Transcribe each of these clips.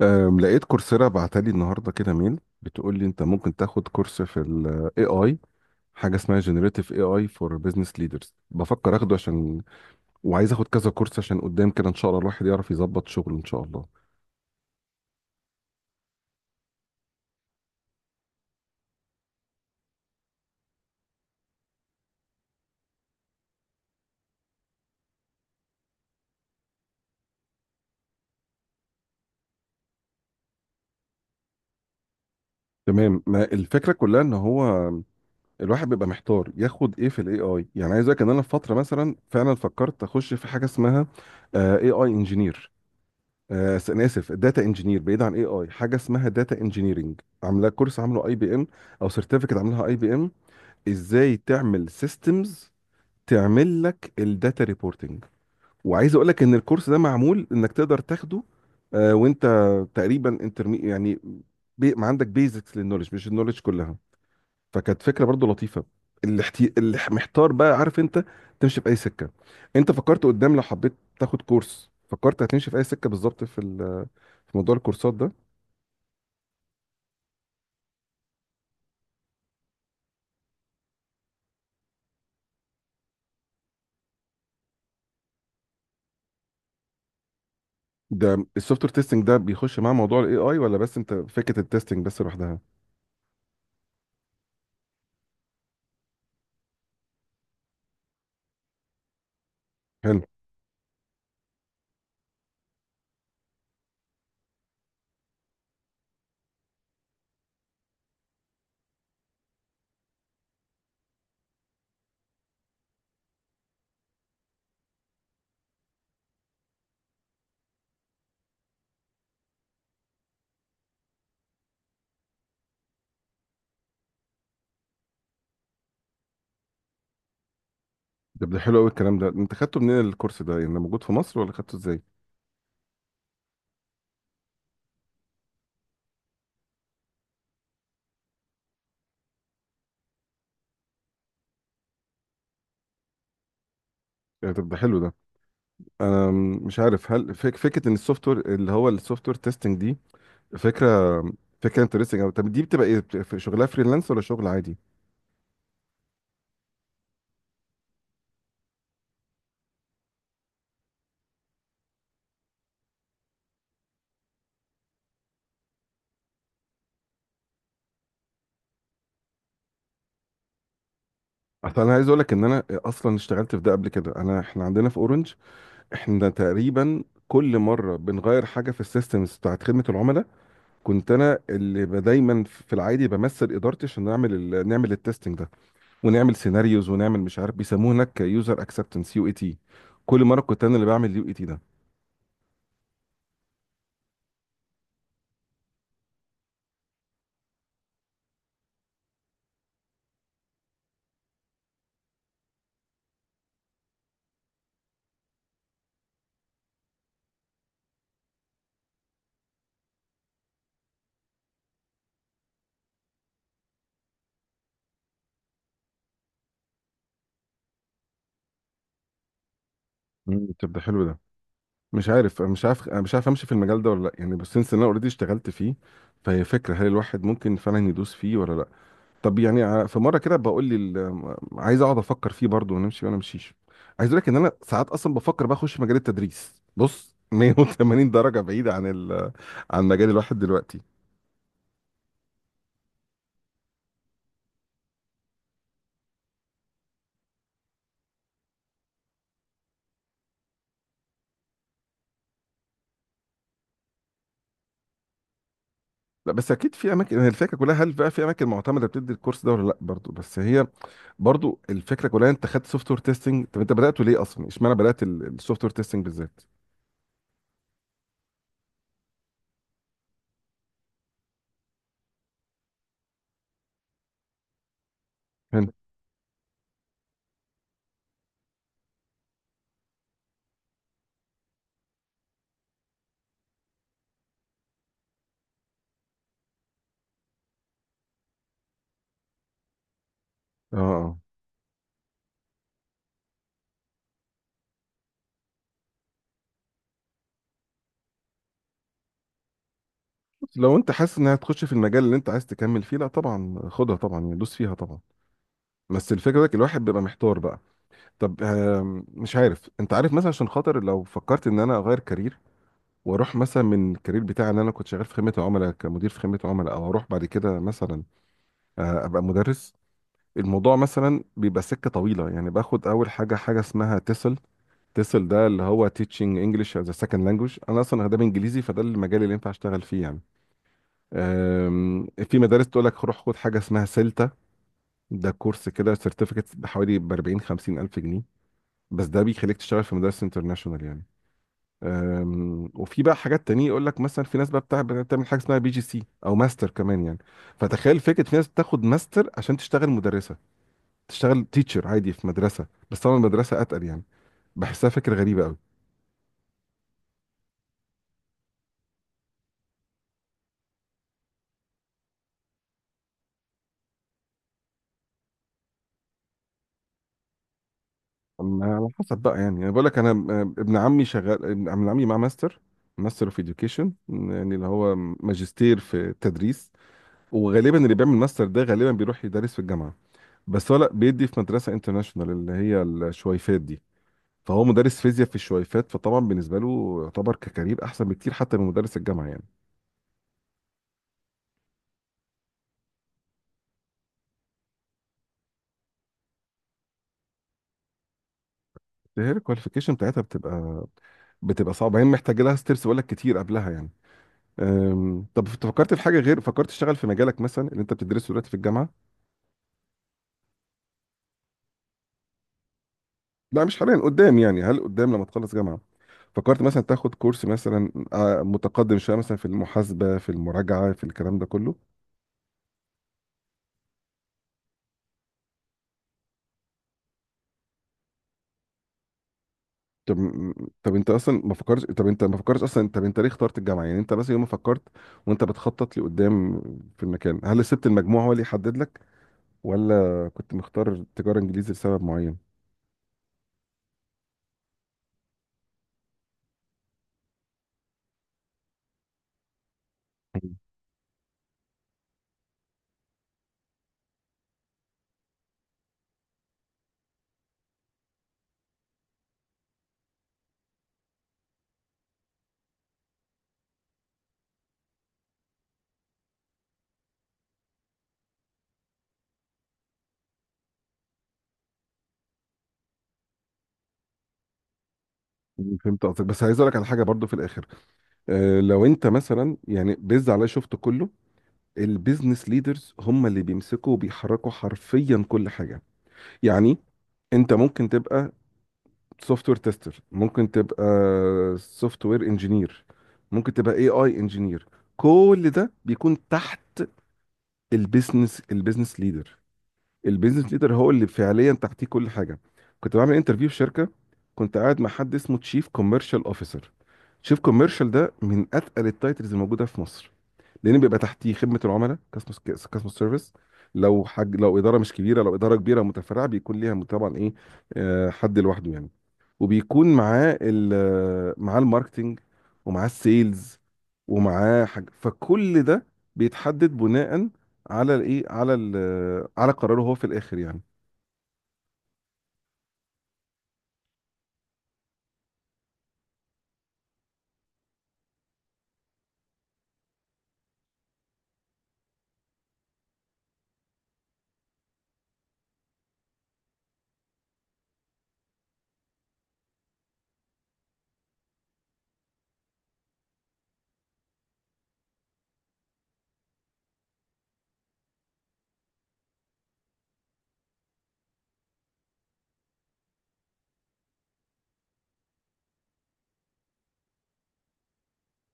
لقيت كورسيرا بعتلي النهارده كده ميل بتقول لي انت ممكن تاخد كورس في الاي اي، حاجه اسمها جنريتيف اي اي فور بزنس ليدرز. بفكر اخده عشان وعايز اخد كذا كورس عشان قدام كده ان شاء الله الواحد يعرف يظبط شغله ان شاء الله. تمام، ما الفكره كلها ان هو الواحد بيبقى محتار ياخد ايه في الاي اي. يعني عايز اقول لك ان انا في فتره مثلا فعلا فكرت اخش في حاجه اسمها اي اي انجينير. انا اسف، داتا انجينير، بعيد عن اي اي. حاجه اسمها داتا انجينيرنج، عاملاه كورس، عامله اي بي ام او سيرتيفيكت، عاملها اي بي ام، ازاي تعمل سيستمز تعمل لك الداتا ريبورتنج. وعايز اقول لك ان الكورس ده معمول انك تقدر تاخده وانت تقريبا انترمي، يعني بي ما عندك بيزكس للنولج مش النولج كلها. فكانت فكره برضو لطيفه. اللي محتار بقى عارف انت تمشي في اي سكه. انت فكرت قدام لو حبيت تاخد كورس، فكرت هتمشي في اي سكه بالظبط في موضوع الكورسات ده؟ ده السوفت وير تيستنج ده بيخش مع موضوع الاي اي، ولا بس انت فكره التيستنج بس لوحدها؟ حلو. ده حلو قوي الكلام ده. انت خدته منين الكورس ده، يعني ده موجود في مصر ولا خدته ازاي؟ يعني طب ده حلو ده. انا مش عارف هل فكره ان السوفت وير، اللي هو السوفت وير تيستنج، دي فكره، فكره انترستنج. او طب دي بتبقى ايه، في شغلها فريلانس ولا شغل عادي؟ اصل انا عايز اقول لك ان انا اصلا اشتغلت في ده قبل كده. احنا عندنا في اورنج، احنا تقريبا كل مره بنغير حاجه في السيستمز بتاعت خدمه العملاء. كنت انا اللي دايما في العادي بمثل ادارتي عشان نعمل نعمل التستنج ده، ونعمل سيناريوز، ونعمل مش عارف بيسموه هناك، يوزر اكسبتنس، يو اي تي. كل مره كنت انا اللي بعمل يو اي تي ده. طب ده حلو ده. مش عارف امشي في المجال ده ولا لا، يعني بس سنس إن انا اوريدي اشتغلت فيه. فهي فكره، هل الواحد ممكن فعلا يدوس فيه ولا لا؟ طب يعني في مره كده بقول لي عايز اقعد افكر فيه برضه ونمشي ولا امشيش. عايز اقول لك ان انا ساعات اصلا بفكر بقى اخش مجال التدريس، بص، 180 درجه بعيد عن عن مجال الواحد دلوقتي. لا بس اكيد في اماكن، هي الفكره كلها هل بقى في اماكن معتمده بتدي الكورس ده ولا لا برضو؟ بس هي برضو الفكره كلها، انت خدت سوفت وير تيستنج، طب انت بداته ليه اصلا، اشمعنى بدات السوفت وير تيستنج بالذات هنا؟ اه، آه. لو انت حاسس انها هتخش في المجال اللي انت عايز تكمل فيه، لا طبعا خدها طبعا، يعني دوس فيها طبعا. بس الفكره ده الواحد بيبقى محتار بقى. طب مش عارف، انت عارف مثلا عشان خاطر لو فكرت ان انا اغير كارير، واروح مثلا من الكارير بتاعي ان انا كنت شغال في خدمه العملاء كمدير في خدمه عملاء، او اروح بعد كده مثلا ابقى مدرس. الموضوع مثلا بيبقى سكه طويله، يعني باخد اول حاجه، حاجه اسمها تسل. تسل ده اللي هو teaching English as a second language. انا اصلا اداب انجليزي، فده المجال اللي ينفع اشتغل فيه يعني. في مدارس تقول لك روح خد حاجه اسمها سيلتا. ده كورس كده، سيرتيفيكت بحوالي ب 40 50 الف جنيه، بس ده بيخليك تشتغل في مدارس انترناشونال يعني. وفي بقى حاجات تانية يقول لك مثلا في ناس بقى بتاع بتعمل حاجه اسمها بي جي سي او ماستر كمان يعني. فتخيل فكره، في ناس بتاخد ماستر عشان تشتغل مدرسه، تشتغل تيتشر عادي في مدرسه، بس طبعا المدرسه اتقل يعني. بحسها فكره غريبه قوي. أما على حسب بقى يعني، انا بقول لك انا ابن عمي شغال، ابن عمي مع ماستر، ماستر اوف اديوكيشن، يعني اللي هو ماجستير في التدريس. وغالبا اللي بيعمل ماستر ده غالبا بيروح يدرس في الجامعه، بس هو لا بيدي في مدرسه انترناشونال اللي هي الشويفات دي. فهو مدرس فيزياء في الشويفات، فطبعا بالنسبه له يعتبر ككارير احسن بكتير حتى من مدرس الجامعه يعني. هي الكواليفيكيشن بتاعتها بتبقى صعبه، هي محتاجه لها ستيبس بقول لك كتير قبلها يعني. طب انت فكرت في حاجه غير، فكرت تشتغل في مجالك مثلا اللي انت بتدرسه دلوقتي في الجامعه؟ لا مش حاليا، قدام يعني، هل قدام لما تخلص جامعه فكرت مثلا تاخد كورس مثلا متقدم شويه مثلا في المحاسبه، في المراجعه، في الكلام ده كله؟ طب م- طب انت اصلا ما فكرتش. طب انت ما فكرتش اصلا طب انت ليه اخترت الجامعه يعني؟ انت مثلا يوم ما فكرت وانت بتخطط لقدام في المكان، هل سبت المجموع هو اللي يحدد لك، ولا كنت مختار تجاره انجليزي لسبب معين؟ مم. فهمت قصدك، بس عايز اقول لك على حاجه برضو في الاخر. لو انت مثلا يعني بيز عليا شفت كله، البيزنس ليدرز هم اللي بيمسكوا وبيحركوا حرفيا كل حاجه. يعني انت ممكن تبقى سوفت وير تيستر، ممكن تبقى سوفت وير انجينير، ممكن تبقى اي اي انجينير، كل ده بيكون تحت البيزنس، البيزنس ليدر. البيزنس ليدر هو اللي فعليا تحتيه كل حاجه. كنت بعمل انترفيو في شركه، كنت قاعد مع حد اسمه تشيف كوميرشال اوفيسر. تشيف كوميرشال ده من اتقل التايتلز الموجوده في مصر، لان بيبقى تحتيه خدمه العملاء، كاستمر سيرفيس. لو حاج، لو اداره مش كبيره، لو اداره كبيره متفرعه بيكون ليها طبعا ايه، حد لوحده يعني. وبيكون معاه الماركتنج، ومعاه السيلز، ومعاه حاجه، فكل ده بيتحدد بناء على الايه على ال على قراره هو في الاخر يعني.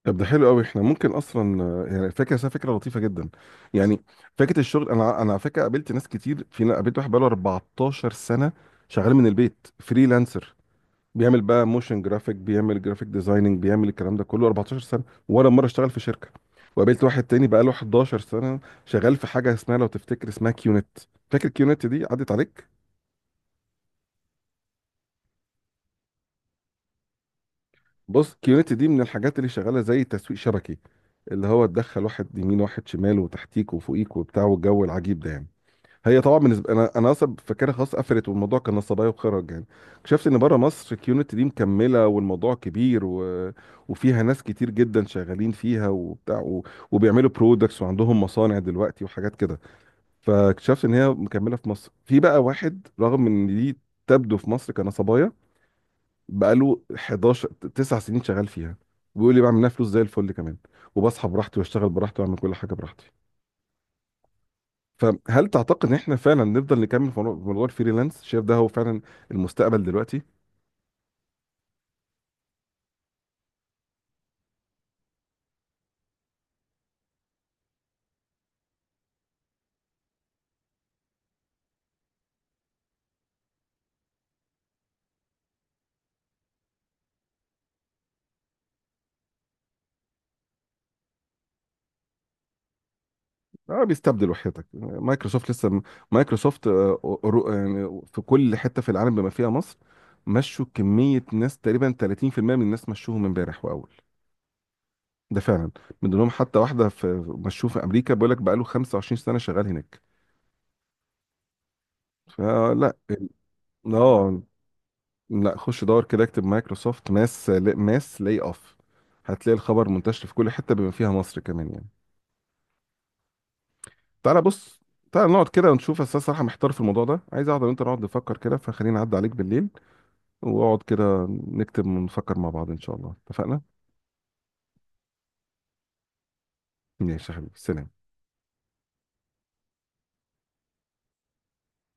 طب ده حلو قوي. احنا ممكن اصلا يعني فكره، بس هي فكره لطيفه جدا يعني، فكره الشغل. انا على فكره قابلت ناس كتير، في قابلت واحد بقاله 14 سنه شغال من البيت فريلانسر، بيعمل بقى موشن جرافيك، بيعمل جرافيك ديزايننج، بيعمل الكلام ده كله 14 سنه، ولا مره اشتغل في شركه. وقابلت واحد تاني بقاله 11 سنه، شغال في حاجه اسمها، لو تفتكر اسمها، كيونت. فاكر كيونت دي عدت عليك؟ بص، كيونت دي من الحاجات اللي شغاله زي تسويق شبكي، اللي هو تدخل واحد يمين واحد شمال وتحتيك وفوقيك وبتاع والجو العجيب ده يعني. هي طبعا بالنسبه انا اصلا فاكرها خلاص قفلت، والموضوع كان نصبايا وخرج يعني. اكتشفت ان بره مصر الكيونت دي مكمله، والموضوع كبير وفيها ناس كتير جدا شغالين فيها وبتاع وبيعملوا برودكتس وعندهم مصانع دلوقتي وحاجات كده. فاكتشفت ان هي مكمله في مصر، في بقى واحد رغم ان دي تبدو في مصر كنصبايا، بقاله 11 9 سنين شغال فيها، وبيقول لي بعمل منها فلوس زي الفل كمان، وبصحى براحتي واشتغل براحتي واعمل كل حاجه براحتي. فهل تعتقد ان احنا فعلا نفضل نكمل في موضوع، الفريلانس، شايف ده هو فعلا المستقبل دلوقتي؟ اه بيستبدل، وحياتك مايكروسوفت لسه، مايكروسوفت يعني في كل حته في العالم بما فيها مصر مشوا كميه ناس، تقريبا 30% من الناس مشوهم امبارح واول. ده فعلا، من ضمنهم حتى واحده في، مشوه في امريكا، بيقول لك بقاله 25 سنه شغال هناك، فلا. اه، لا خش دور كده اكتب مايكروسوفت ماس لاي اوف، هتلاقي الخبر منتشر في كل حته بما فيها مصر كمان يعني. تعالى بص، تعالى نقعد كده ونشوف. أساس صراحة محتار في الموضوع ده، عايز أقعد وأنت نقعد نفكر كده، فخليني أعدي عليك بالليل، وأقعد كده نكتب ونفكر مع بعض إن شاء الله، اتفقنا؟ ماشي يا حبيبي، سلام.